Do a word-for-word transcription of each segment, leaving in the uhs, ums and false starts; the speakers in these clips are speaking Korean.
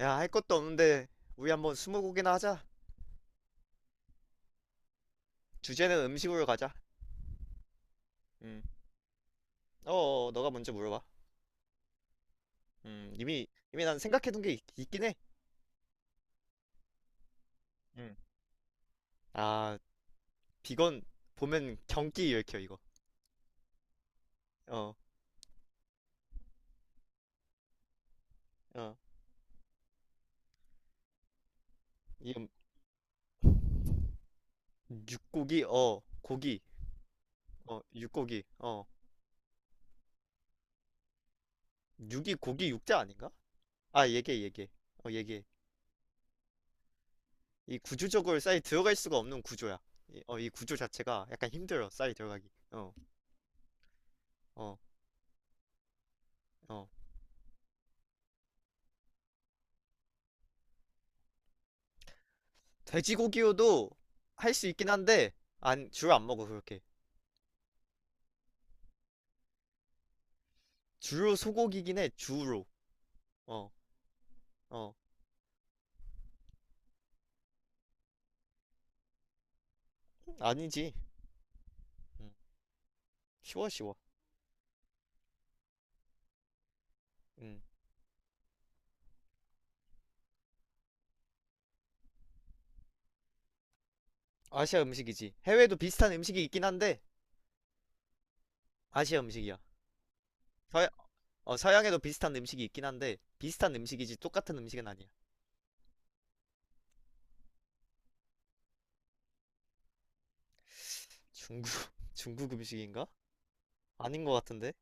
야, 할 것도 없는데 우리 한번 스무고개나 하자. 주제는 음식으로 가자. 음. 어, 어, 어, 너가 먼저 물어봐. 음, 이미 이미 난 생각해둔 게 있, 있긴 해. 음. 아, 비건 보면 경기 일으켜 이거. 어, 어, 이 음, 육고기, 어, 고기, 어, 육고기, 어, 육이 고기 육자 아닌가? 아, 얘기해, 얘기해. 어, 얘기해. 이 구조적으로 쌀이 들어갈 수가 없는 구조야. 이, 어, 이 구조 자체가 약간 힘들어, 쌀이 들어가기. 어, 어, 어. 돼지고기요도 할 수 있긴 한데 안 주로 안 먹어 그렇게. 주로 소고기긴 해 주로. 어. 어. 아니지. 음, 쉬워 쉬워. 음. 아시아 음식이지. 해외도 비슷한 음식이 있긴 한데 아시아 음식이야. 서양, 어, 서양에도 비슷한 음식이 있긴 한데 비슷한 음식이지 똑같은 음식은 아니야. 중국 중국 음식인가? 아닌 것 같은데.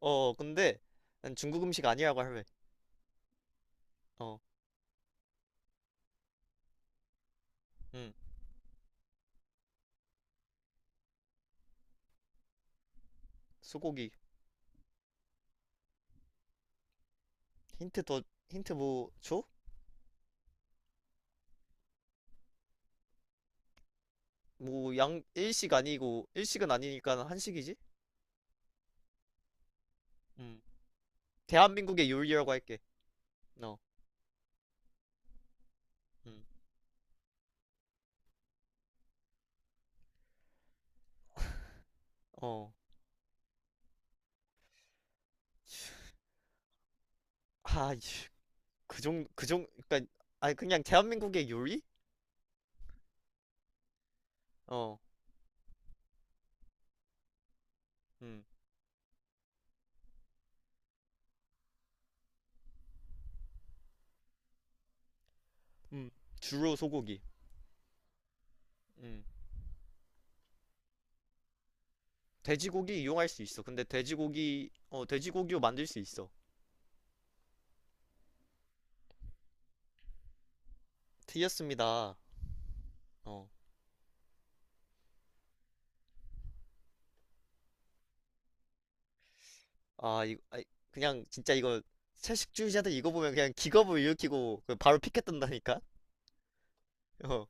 어어 근데 난 중국 음식 아니라고 할래. 어음. 소고기. 힌트 더 힌트 뭐 줘? 뭐 양 일식 아니고 일식은 아니니까 한식이지? 음. 대한민국의 요리라고 할게. 어. 음. 어. 아, 그정그정 그러니까 아니 그냥 대한민국의 요리? 어. 음. 음. 주로 소고기. 음. 돼지고기 이용할 수 있어. 근데 돼지고기 어 돼지고기로 만들 수 있어. 틀렸습니다. 어. 아, 이 아이, 그냥 진짜 이거 채식주의자들 이거 보면 그냥 기겁을 일으키고 그 바로 피켓 뜬다니까. 어.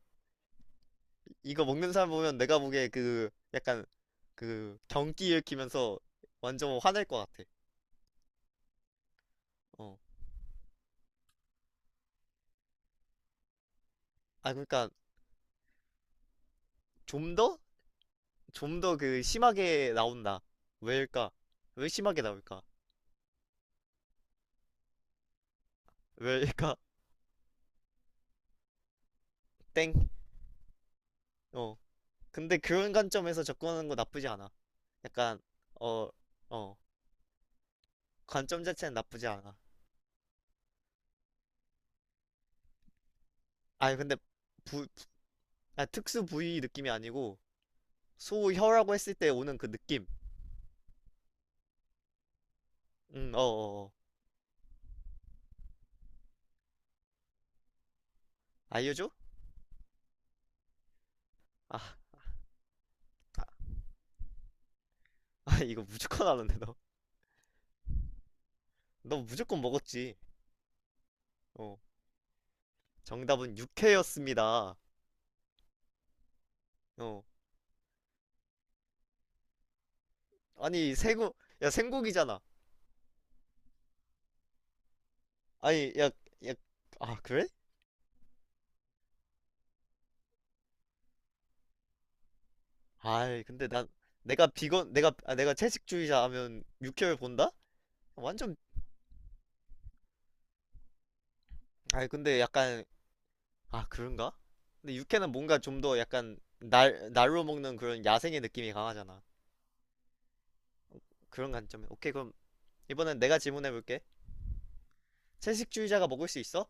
이거 먹는 사람 보면 내가 보기에 그 약간 그 경기 일으키면서 완전 화낼 것 같아. 어. 아 그러니까 좀 더? 좀 더 그 심하게 나온다. 왜일까? 왜 심하게 나올까? 왜일까? 땡. 어. 근데 그런 관점에서 접근하는 거 나쁘지 않아. 약간 어, 어. 관점 자체는 나쁘지 않아. 아니 근데 부, 부- 아, 특수 부위 느낌이 아니고 소혀라고 했을 때 오는 그 느낌. 음, 어, 어, 어. 알려줘? 아, 아, 이거 무조건 아는데 너. 너 무조건 먹었지. 어. 정답은 육회였습니다. 어. 아니 생고 야 생고기잖아. 아니 야, 야, 아 그래? 아이 근데 난 내가 비건 내가 아, 내가 채식주의자 하면 육회를 본다? 완전. 아이 근데 약간 아 그런가? 근데 육회는 뭔가 좀 더 약간 날 날로 먹는 그런 야생의 느낌이 강하잖아. 그런 관점에 오케이. 그럼 이번엔 내가 질문해 볼게. 채식주의자가 먹을 수 있어?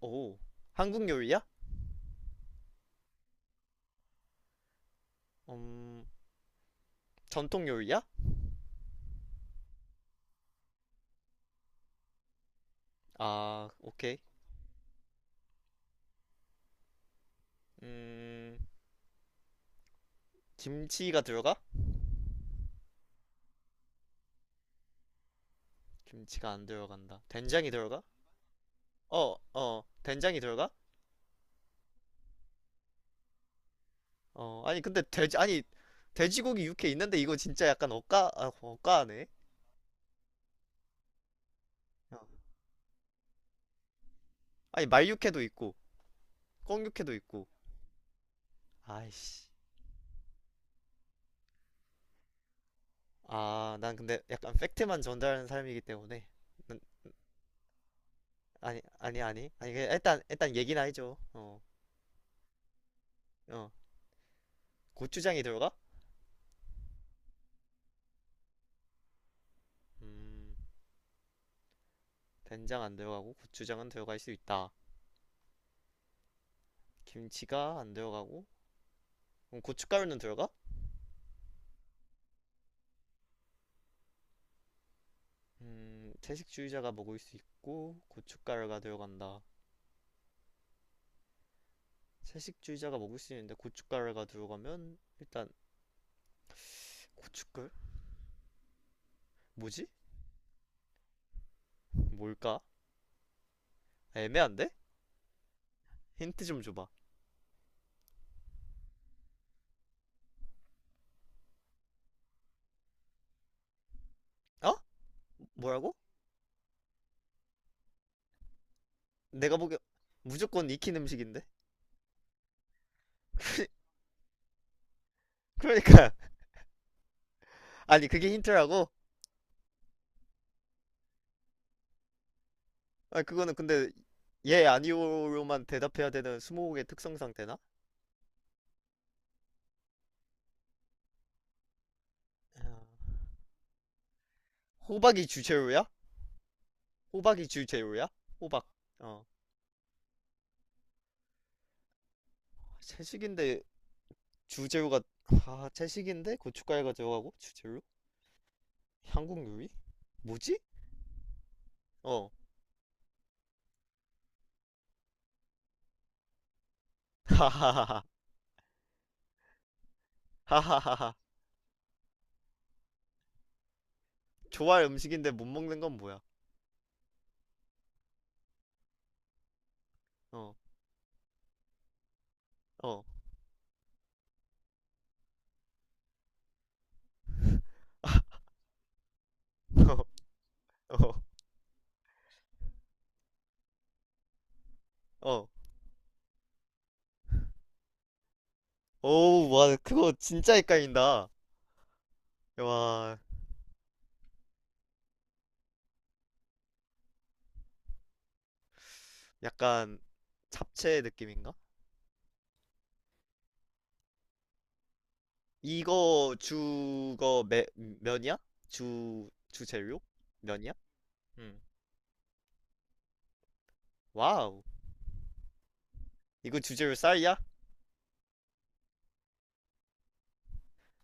오. 한국 요리야? 음. 전통 요리야? 아, 오케이. 음, 김치가 들어가? 김치가 안 들어간다. 된장이 들어가? 어, 어, 된장이 들어가? 어, 아니, 근데 돼지, 아니, 돼지고기 육회 있는데 이거 진짜 약간 억까, 아, 억까하네. 어. 아니, 말육회도 있고, 꿩육회도 있고. 아이씨. 아, 난 근데 약간 팩트만 전달하는 사람이기 때문에. 난- 아니, 아니, 아니. 아니, 그냥 일단, 일단 얘기나 해줘. 어, 어. 고추장이 들어가? 음, 된장 안 들어가고 고추장은 들어갈 수 있다. 김치가 안 들어가고 그럼 고춧가루는 들어가? 음, 채식주의자가 먹을 수 있고 고춧가루가 들어간다. 채식주의자가 먹을 수 있는데 고춧가루가 들어가면 일단 고춧가루? 뭐지? 뭘까? 애매한데? 힌트 좀 줘봐. 어? 뭐라고? 내가 보기 무조건 익힌 음식인데? 그러니까 아니 그게 힌트라고? 아 그거는 근데 예 아니오로만 대답해야 되는 스무고개 특성상 되나? 어. 호박이 주재료야? 호박이 주재료야? 호박. 어. 채식인데 주재료가 아 채식인데 고춧가루가 들어가고 주재료? 한국 요리? 뭐지? 어. 하하하하. 하하하하. 좋아할 음식인데 못 먹는 건 뭐야? 어 어 어어. 오우 와 그거 진짜 헷갈린다. 와. 약간 잡채 느낌인가? 이거 주거 매, 면이야? 주 주재료? 면이야? 응. 와우. 이거 주재료 쌀이야?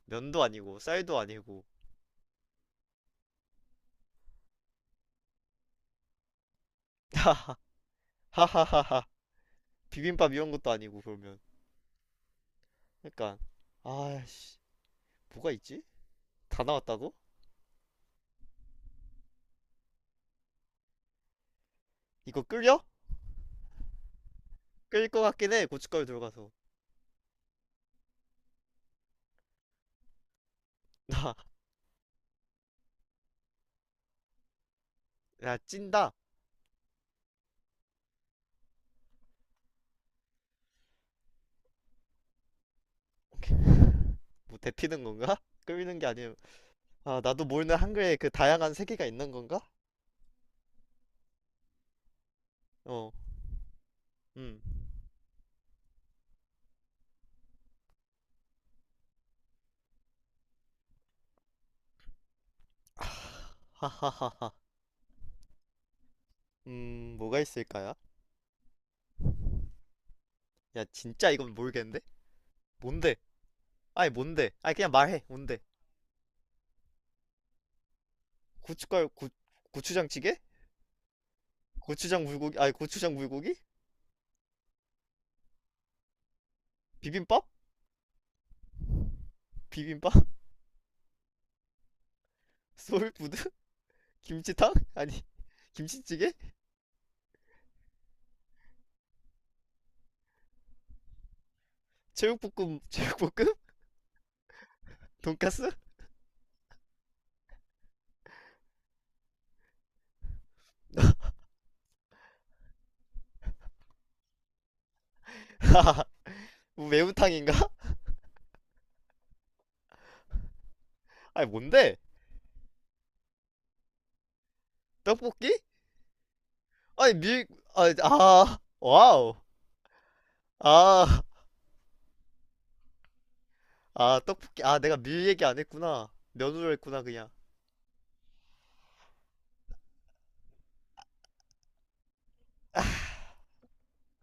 면도 아니고 쌀도 아니고 하하하하. 비빔밥 이런 것도 아니고 그러면. 그러니까 아씨 뭐가 있지? 다 나왔다고? 이거 끌려? 끌 것 같긴 해. 고춧가루 들어가서. 나, 야 찐다. 뭐 데피는 건가? 끌리는 게 아니에요. 아 나도 모르는 한글에 그 다양한 세계가 있는 건가? 어, 음. 하하하하. 음 뭐가 있을까요? 야 진짜 이건 모르겠는데? 뭔데? 아니 뭔데? 아니 그냥 말해. 뭔데? 고춧가루 고 고추장찌개? 고추장 물고기? 아니 고추장 물고기? 비빔밥? 비빔밥? 소울푸드? 김치탕? 아니 김치찌개? 제육볶음 제육볶음? 돈까스? 하하 뭐 매운탕인가? 아니 뭔데? 떡볶이? 아니 밀... 아, 아 와우. 아, 아 떡볶이. 아 내가 밀 얘기 안 했구나 면으로 했구나 그냥.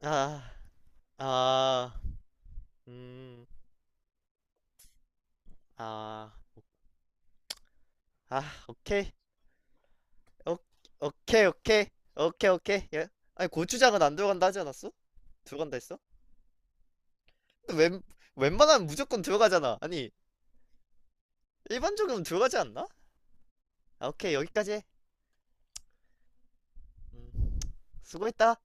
아, 아, 음, 아, 아 오케이. 오, 오케이 오케이. 오케이 오케이 예? 아니 고추장은 안 들어간다 하지 않았어? 들어간다 했어? 웬 웬만하면 무조건 들어가잖아 아니 일반 조금 들어가지 않나? 아, 오케이, 여기까지. 음, 수고했다.